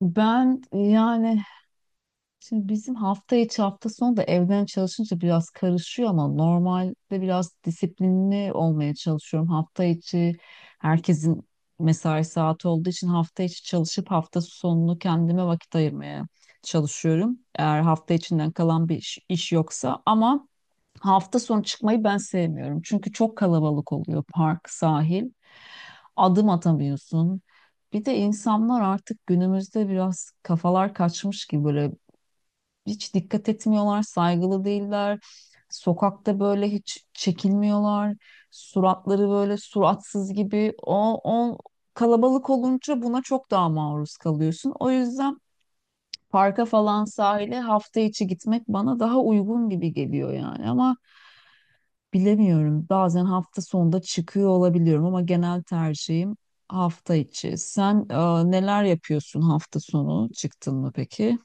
Ben yani şimdi bizim hafta içi hafta sonu da evden çalışınca biraz karışıyor ama normalde biraz disiplinli olmaya çalışıyorum. Hafta içi herkesin mesai saati olduğu için hafta içi çalışıp hafta sonunu kendime vakit ayırmaya çalışıyorum. Eğer hafta içinden kalan bir iş yoksa ama hafta sonu çıkmayı ben sevmiyorum. Çünkü çok kalabalık oluyor park, sahil. Adım atamıyorsun. Bir de insanlar artık günümüzde biraz kafalar kaçmış gibi böyle hiç dikkat etmiyorlar, saygılı değiller. Sokakta böyle hiç çekilmiyorlar. Suratları böyle suratsız gibi. O kalabalık olunca buna çok daha maruz kalıyorsun. O yüzden parka falan sahile hafta içi gitmek bana daha uygun gibi geliyor yani ama bilemiyorum. Bazen hafta sonunda çıkıyor olabiliyorum ama genel tercihim hafta içi. Sen neler yapıyorsun hafta sonu? Çıktın mı peki?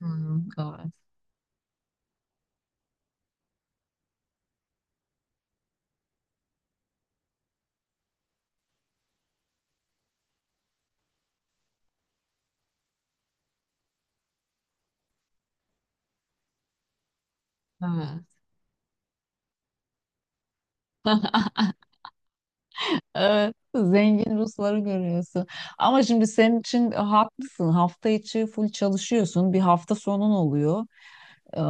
Hmm, evet. Evet. Evet, zengin Rusları görüyorsun. Ama şimdi senin için haklısın. Hafta içi full çalışıyorsun. Bir hafta sonun oluyor. Ee,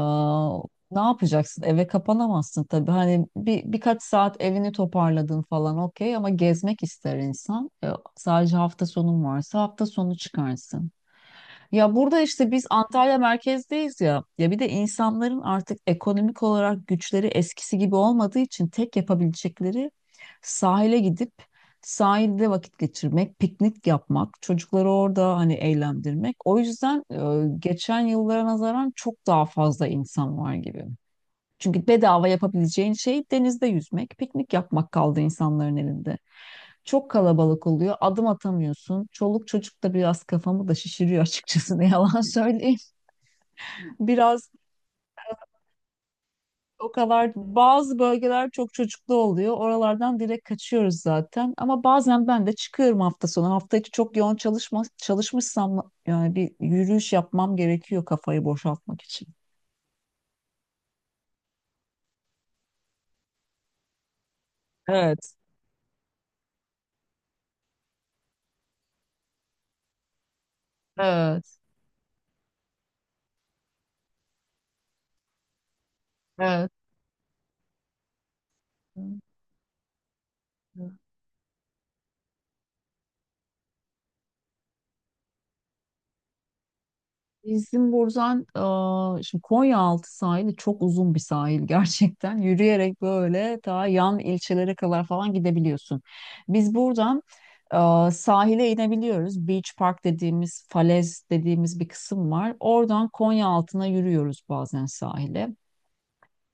Ne yapacaksın? Eve kapanamazsın tabii. Hani birkaç saat evini toparladın falan okey ama gezmek ister insan. Sadece hafta sonun varsa hafta sonu çıkarsın. Ya burada işte biz Antalya merkezdeyiz ya. Ya bir de insanların artık ekonomik olarak güçleri eskisi gibi olmadığı için tek yapabilecekleri sahile gidip sahilde vakit geçirmek, piknik yapmak, çocukları orada hani eğlendirmek. O yüzden geçen yıllara nazaran çok daha fazla insan var gibi. Çünkü bedava yapabileceğin şey denizde yüzmek, piknik yapmak kaldı insanların elinde. Çok kalabalık oluyor. Adım atamıyorsun. Çoluk çocuk da biraz kafamı da şişiriyor açıkçası ne yalan söyleyeyim. Biraz o kadar bazı bölgeler çok çocuklu oluyor. Oralardan direkt kaçıyoruz zaten. Ama bazen ben de çıkıyorum hafta sonu. Hafta içi çok yoğun çalışmışsam yani bir yürüyüş yapmam gerekiyor kafayı boşaltmak için. Evet. Evet, evet. Bizim buradan şimdi Konyaaltı sahili çok uzun bir sahil gerçekten. Yürüyerek böyle ta yan ilçelere kadar falan gidebiliyorsun. Biz buradan sahile inebiliyoruz. Beach Park dediğimiz, falez dediğimiz bir kısım var. Oradan Konyaaltı'na yürüyoruz bazen sahile.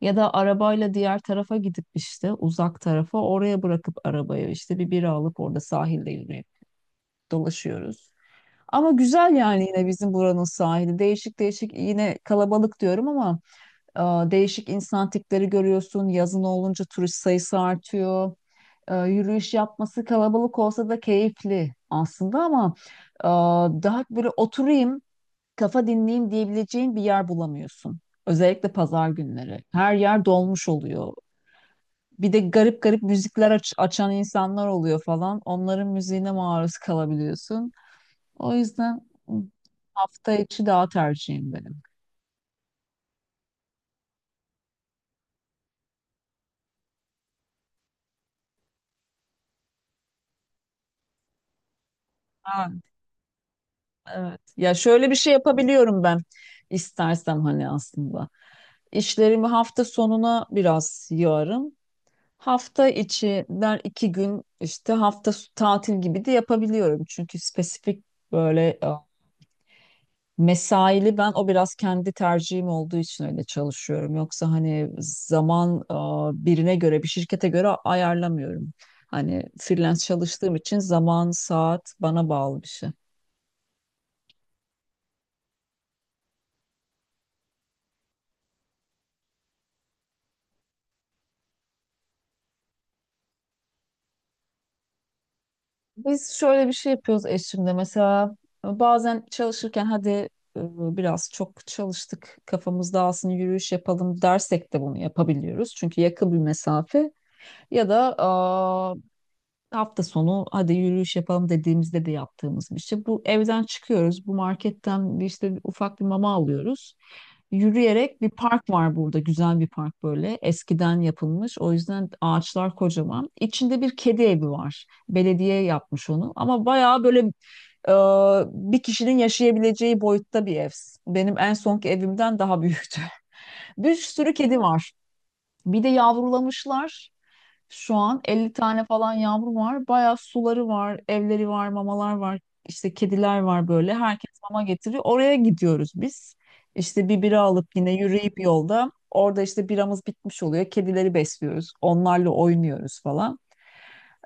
Ya da arabayla diğer tarafa gidip işte uzak tarafa oraya bırakıp arabayı işte bir bira alıp orada sahilde yürüyüp dolaşıyoruz. Ama güzel yani yine bizim buranın sahili. Değişik değişik yine kalabalık diyorum ama e, değişik insan tipleri görüyorsun. Yazın olunca turist sayısı artıyor. Yürüyüş yapması kalabalık olsa da keyifli aslında ama daha böyle oturayım, kafa dinleyeyim diyebileceğin bir yer bulamıyorsun. Özellikle pazar günleri. Her yer dolmuş oluyor. Bir de garip garip müzikler açan insanlar oluyor falan. Onların müziğine maruz kalabiliyorsun. O yüzden hı, hafta içi daha tercihim benim. Ha, evet. Ya şöyle bir şey yapabiliyorum ben istersem hani aslında. İşlerimi hafta sonuna biraz yığarım. Hafta içinden iki gün işte tatil gibi de yapabiliyorum. Çünkü spesifik böyle mesaili ben o biraz kendi tercihim olduğu için öyle çalışıyorum. Yoksa hani zaman birine göre, bir şirkete göre ayarlamıyorum. Hani freelance çalıştığım için zaman, saat bana bağlı bir şey. Biz şöyle bir şey yapıyoruz eşimle. Mesela bazen çalışırken hadi biraz çok çalıştık, kafamız dağılsın, yürüyüş yapalım dersek de bunu yapabiliyoruz. Çünkü yakın bir mesafe ya da hafta sonu hadi yürüyüş yapalım dediğimizde de yaptığımız bir şey. Bu evden çıkıyoruz. Bu marketten bir ufak bir mama alıyoruz. Yürüyerek bir park var burada. Güzel bir park böyle. Eskiden yapılmış. O yüzden ağaçlar kocaman. İçinde bir kedi evi var. Belediye yapmış onu. Ama bayağı böyle e, bir kişinin yaşayabileceği boyutta bir ev. Benim en sonki evimden daha büyüktü. Bir sürü kedi var. Bir de yavrulamışlar. Şu an 50 tane falan yavru var. Bayağı suları var, evleri var, mamalar var. İşte kediler var böyle. Herkes mama getiriyor. Oraya gidiyoruz biz. İşte bir bira alıp yine yürüyüp yolda. Orada işte biramız bitmiş oluyor. Kedileri besliyoruz. Onlarla oynuyoruz falan.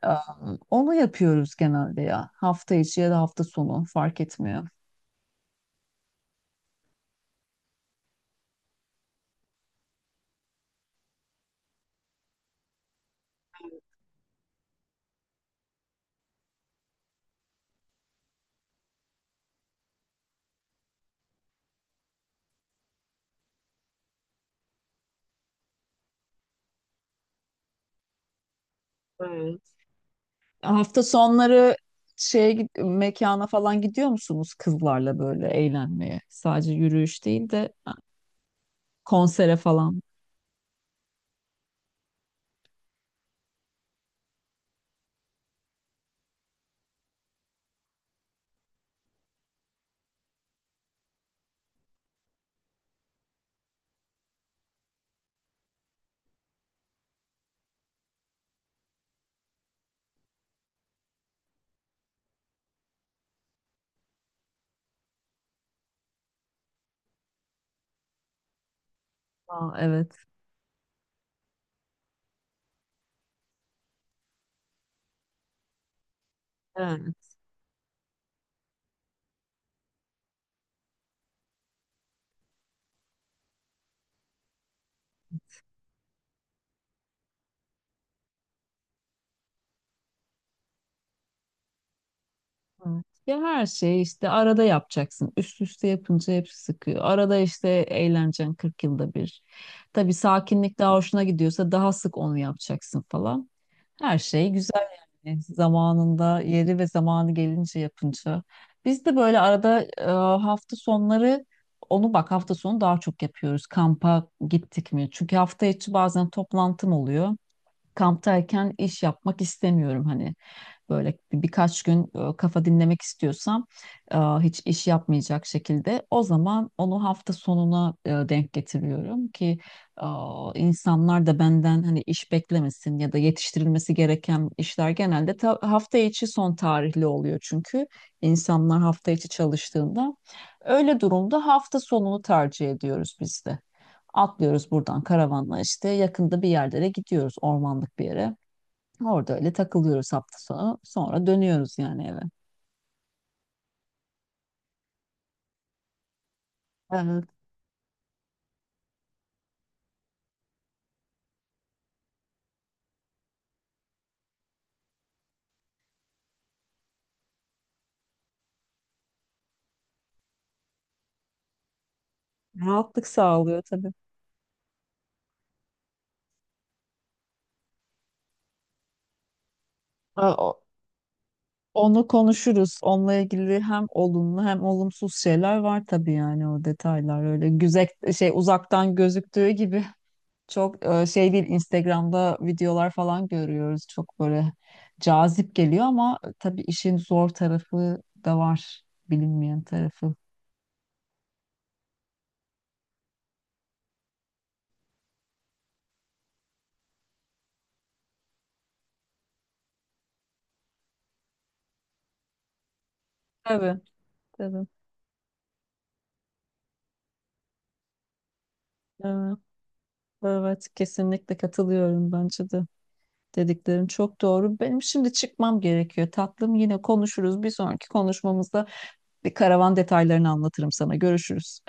Ee, Onu yapıyoruz genelde ya. Hafta içi ya da hafta sonu fark etmiyor. Hafta sonları mekana falan gidiyor musunuz kızlarla böyle eğlenmeye? Sadece yürüyüş değil de konsere falan. Aa, evet. Evet, evet. Ya her şeyi işte arada yapacaksın. Üst üste yapınca hepsi sıkıyor. Arada işte eğleneceksin 40 yılda bir. Tabii sakinlik daha hoşuna gidiyorsa daha sık onu yapacaksın falan. Her şey güzel yani zamanında yeri ve zamanı gelince yapınca. Biz de böyle arada hafta sonları onu bak hafta sonu daha çok yapıyoruz. Kampa gittik mi? Çünkü hafta içi bazen toplantım oluyor. Kamptayken iş yapmak istemiyorum hani böyle birkaç gün kafa dinlemek istiyorsam hiç iş yapmayacak şekilde o zaman onu hafta sonuna denk getiriyorum ki e, insanlar da benden hani iş beklemesin ya da yetiştirilmesi gereken işler genelde hafta içi son tarihli oluyor çünkü insanlar hafta içi çalıştığında öyle durumda hafta sonunu tercih ediyoruz biz de. Atlıyoruz buradan karavanla işte yakında bir yerlere gidiyoruz ormanlık bir yere. Orada öyle takılıyoruz hafta sonu. Sonra dönüyoruz yani eve. Evet. Rahatlık sağlıyor tabii. Ha, o- Onu konuşuruz. Onunla ilgili hem olumlu hem olumsuz şeyler var tabii yani o detaylar öyle güzel şey uzaktan gözüktüğü gibi çok şey değil, Instagram'da videolar falan görüyoruz. Çok böyle cazip geliyor ama tabii işin zor tarafı da var. Bilinmeyen tarafı. Tabii, tabii. Evet, evet, kesinlikle katılıyorum bence de. Dediklerin çok doğru. Benim şimdi çıkmam gerekiyor. Tatlım yine konuşuruz. Bir sonraki konuşmamızda bir karavan detaylarını anlatırım sana. Görüşürüz.